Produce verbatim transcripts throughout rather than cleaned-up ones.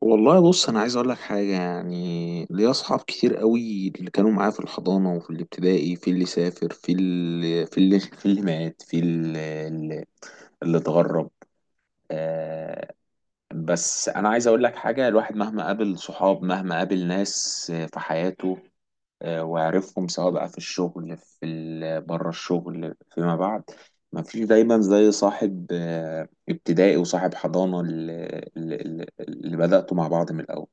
والله بص، انا عايز اقول لك حاجه. يعني ليا اصحاب كتير قوي اللي كانوا معايا في الحضانه وفي الابتدائي. في اللي سافر، في اللي في اللي في اللي مات، في اللي, اللي اللي اتغرب. آه، بس انا عايز اقول لك حاجه. الواحد مهما قابل صحاب مهما قابل ناس آه، في حياته. آه وعرفهم سواء بقى في الشغل، في ال- بره الشغل فيما بعد. ما فيش دايما زي صاحب آه، ابتدائي وصاحب حضانه، اللي, اللي, اللي اللي بدأتوا مع بعض من الاول.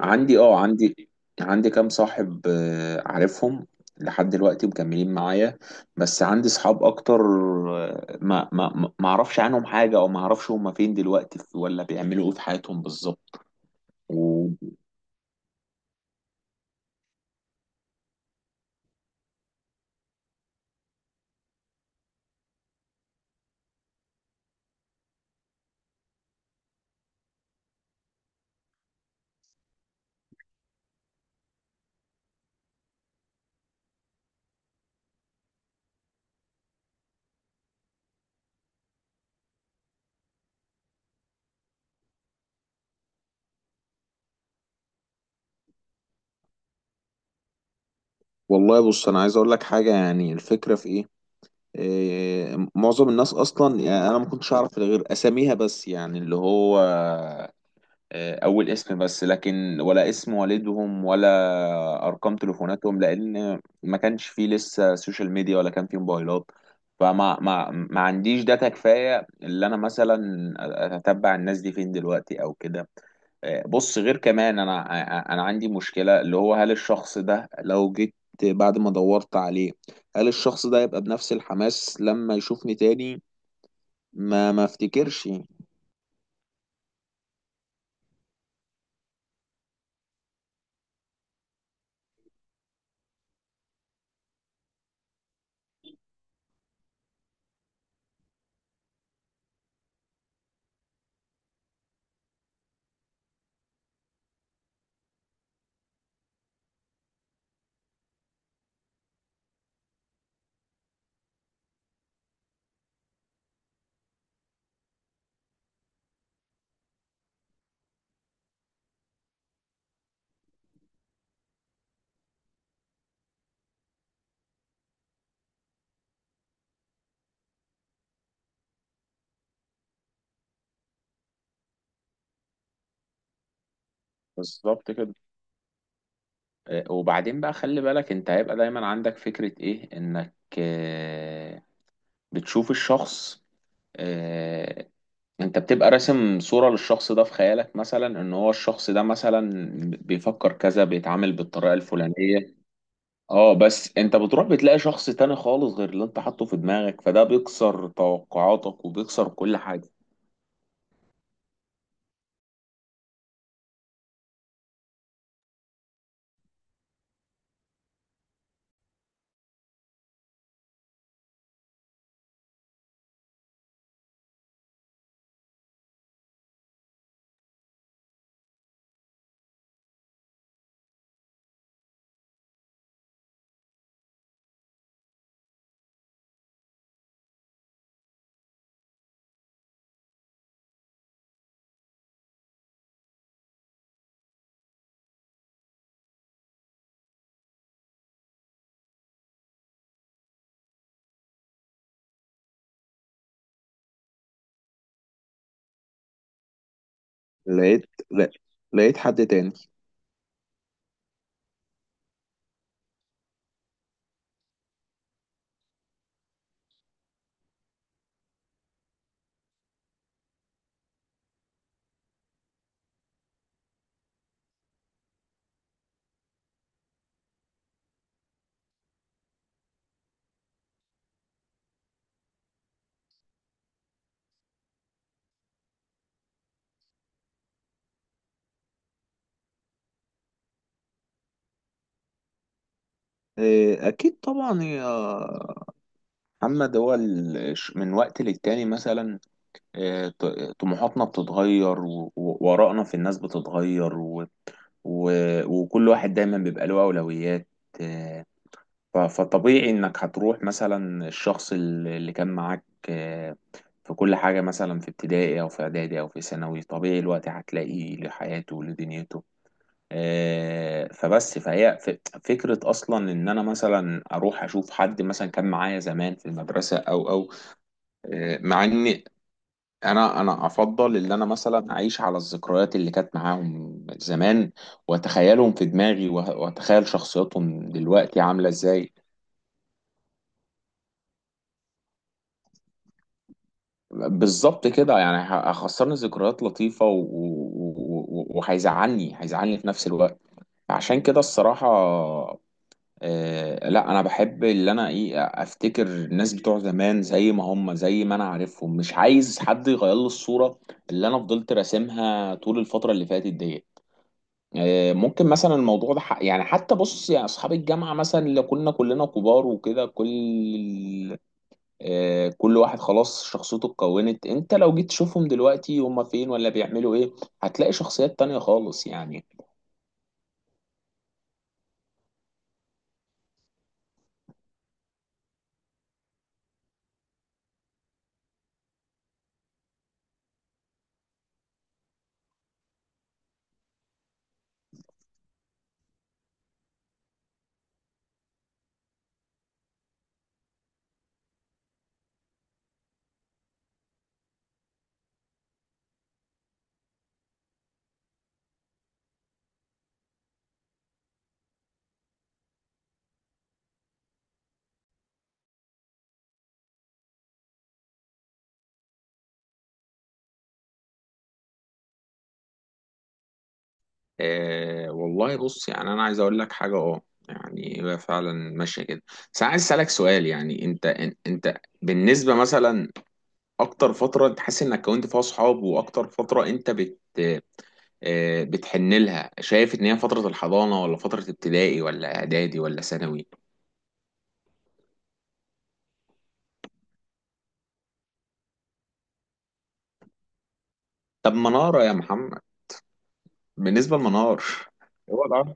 عندي اه عندي عندي كام صاحب آه، عارفهم لحد دلوقتي مكملين معايا. بس عندي صحاب اكتر آه، ما ما ما اعرفش عنهم حاجة، او ما اعرفش هما فين دلوقتي في- ولا بيعملوا ايه في حياتهم بالظبط. و... والله بص، انا عايز اقول لك حاجه. يعني الفكره في ايه؟ إيه، معظم الناس اصلا يعني انا ما كنتش اعرف غير اساميها بس، يعني اللي هو آه، اول اسم بس، لكن ولا اسم والدهم ولا ارقام تليفوناتهم، لان ما كانش فيه لسه سوشيال ميديا ولا كان فيه موبايلات. فما ما ما عنديش داتا كفايه اللي انا مثلا اتتبع الناس دي فين دلوقتي او كده. آه، بص، غير كمان انا انا عندي مشكله. اللي هو هل الشخص ده لو جيت بعد ما دورت عليه، هل الشخص ده يبقى بنفس الحماس لما يشوفني تاني؟ ما ما افتكرش. بالظبط كده. آه، وبعدين بقى خلي بالك، انت هيبقى دايما عندك فكرة ايه انك آه، بتشوف الشخص. آه، انت بتبقى راسم صورة للشخص ده في خيالك، مثلا ان هو الشخص ده مثلا بيفكر كذا بيتعامل بالطريقة الفلانية. اه، بس انت بتروح بتلاقي شخص تاني خالص غير اللي انت حاطه في دماغك، فده بيكسر توقعاتك وبيكسر كل حاجة. لقيت، لا، لقيت حد تاني. إيه، اكيد طبعا يا محمد. هو ال- ش- من وقت للتاني مثلا آه، ط- طموحاتنا بتتغير، و- و- وآرائنا في الناس بتتغير، و... و... وكل واحد دايما بيبقى له أولويات. آه، ف- فطبيعي إنك هتروح مثلا الشخص ال- اللي كان معاك آه، في كل حاجة مثلا في ابتدائي أو في إعدادي أو في ثانوي طبيعي الوقت هتلاقيه لحياته ولدنيته آه، فبس فهي ف- فكرة أصلا إن أنا مثلا أروح أشوف حد مثلا كان معايا زمان في المدرسة أو أو آه، مع إن انا انا افضل ان انا مثلا اعيش على الذكريات اللي كانت معاهم زمان، واتخيلهم في دماغي وه- واتخيل شخصياتهم دلوقتي عامله ازاي. بالظبط كده، يعني ه- هخسرني ذكريات لطيفه، و- و- و- وهيزعلني هيزعلني في نفس الوقت. عشان كده الصراحه آه لا، انا بحب اللي انا ايه افتكر الناس بتوع زمان زي ما هم، زي ما انا عارفهم. مش عايز حد يغير لي الصوره اللي انا فضلت راسمها طول الفتره اللي فاتت دي. آه، ممكن مثلا الموضوع ده ح- يعني حتى بص يا اصحاب الجامعه مثلا، اللي كنا كلنا كبار وكده، كل آه، كل واحد خلاص شخصيته اتكونت. انت لو جيت تشوفهم دلوقتي هم فين ولا بيعملوا ايه، هتلاقي شخصيات تانية خالص يعني. أه والله بص، يعني انا عايز اقول لك حاجه. اه، يعني هي فعلا ماشيه كده. بس انا عايز اسالك سؤال، يعني انت ان- انت بالنسبه مثلا اكتر فتره انت حاسس انك كونت فيها اصحاب، واكتر فتره انت بت آه، بتحن لها، شايف ان هي فترة الحضانة ولا فترة ابتدائي ولا اعدادي ولا ثانوي؟ طب منارة يا محمد؟ بالنسبة لمنار. هو ده.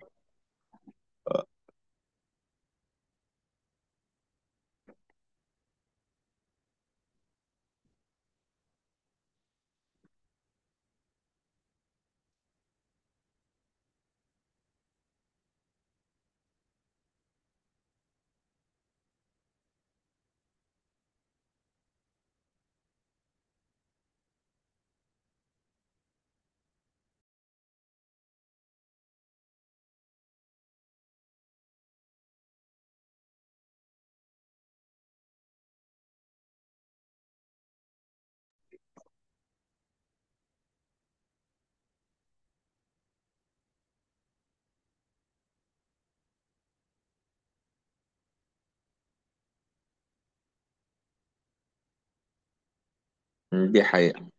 مم، دي حقيقة.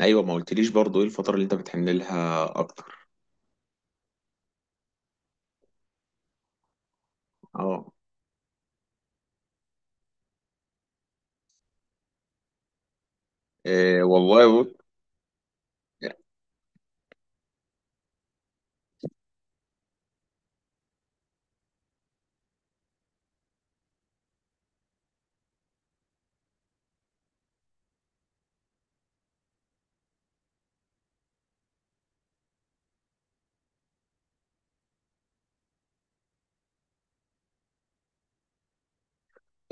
ايوه، ما قلتليش برضو ايه الفترة اللي انت بتحن لها اكتر؟ اه، آه، والله بص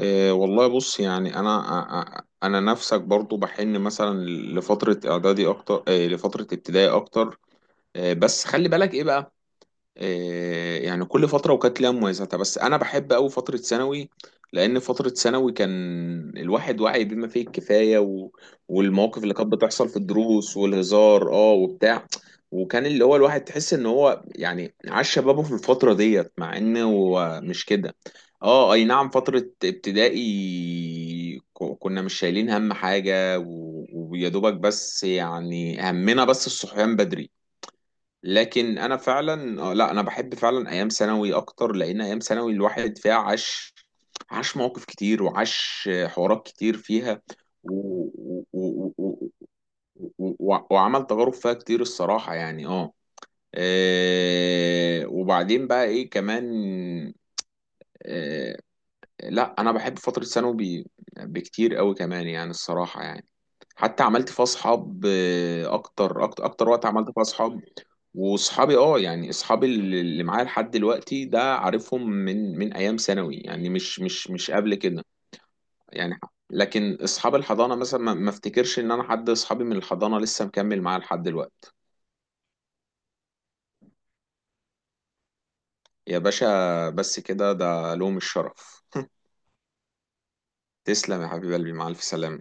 آه، والله بص يعني انا آه، آه، انا نفسك برضو بحن، مثلا لفترة اعدادي اكتر، آه، لفترة ابتدائي اكتر. آه، بس خلي بالك ايه بقى. إيه، يعني كل فترة وكانت ليها مميزاتها، بس أنا بحب أوي فترة ثانوي. لأن فترة ثانوي كان الواحد واعي بما فيه الكفاية، و... والمواقف اللي كانت بتحصل في الدروس والهزار اه وبتاع، وكان اللي هو الواحد تحس إن هو يعني عاش شبابه في الفترة ديت مع إنه هو مش كده. اه، أي نعم فترة ابتدائي ك- كنا مش شايلين هم حاجة، و... ويا دوبك بس يعني همنا بس الصحيان بدري. لكن انا فعلا آه، لا انا بحب فعلا ايام ثانوي اكتر، لان ايام ثانوي الواحد فيها عاش، عاش مواقف كتير وعاش حوارات كتير فيها، و... و... و... و... و... وعمل تجارب فيها كتير الصراحة يعني. اه آه، وبعدين بقى ايه كمان. آه، لا انا بحب فترة ثانوي ب- بكتير قوي كمان يعني، الصراحة يعني. حتى عملت فيها اصحاب آه، اكتر اكتر اكتر وقت عملت فيها اصحاب. واصحابي اه يعني اصحابي اللي اللي معايا لحد دلوقتي ده عارفهم من من ايام ثانوي، يعني مش مش مش قبل كده. يعني لكن اصحاب الحضانه مثلا ما ما افتكرش ان انا حد اصحابي من الحضانه لسه مكمل معاه لحد دلوقتي. يا باشا، بس كده ده لهم الشرف. تسلم يا حبيب قلبي، مع الف سلامه.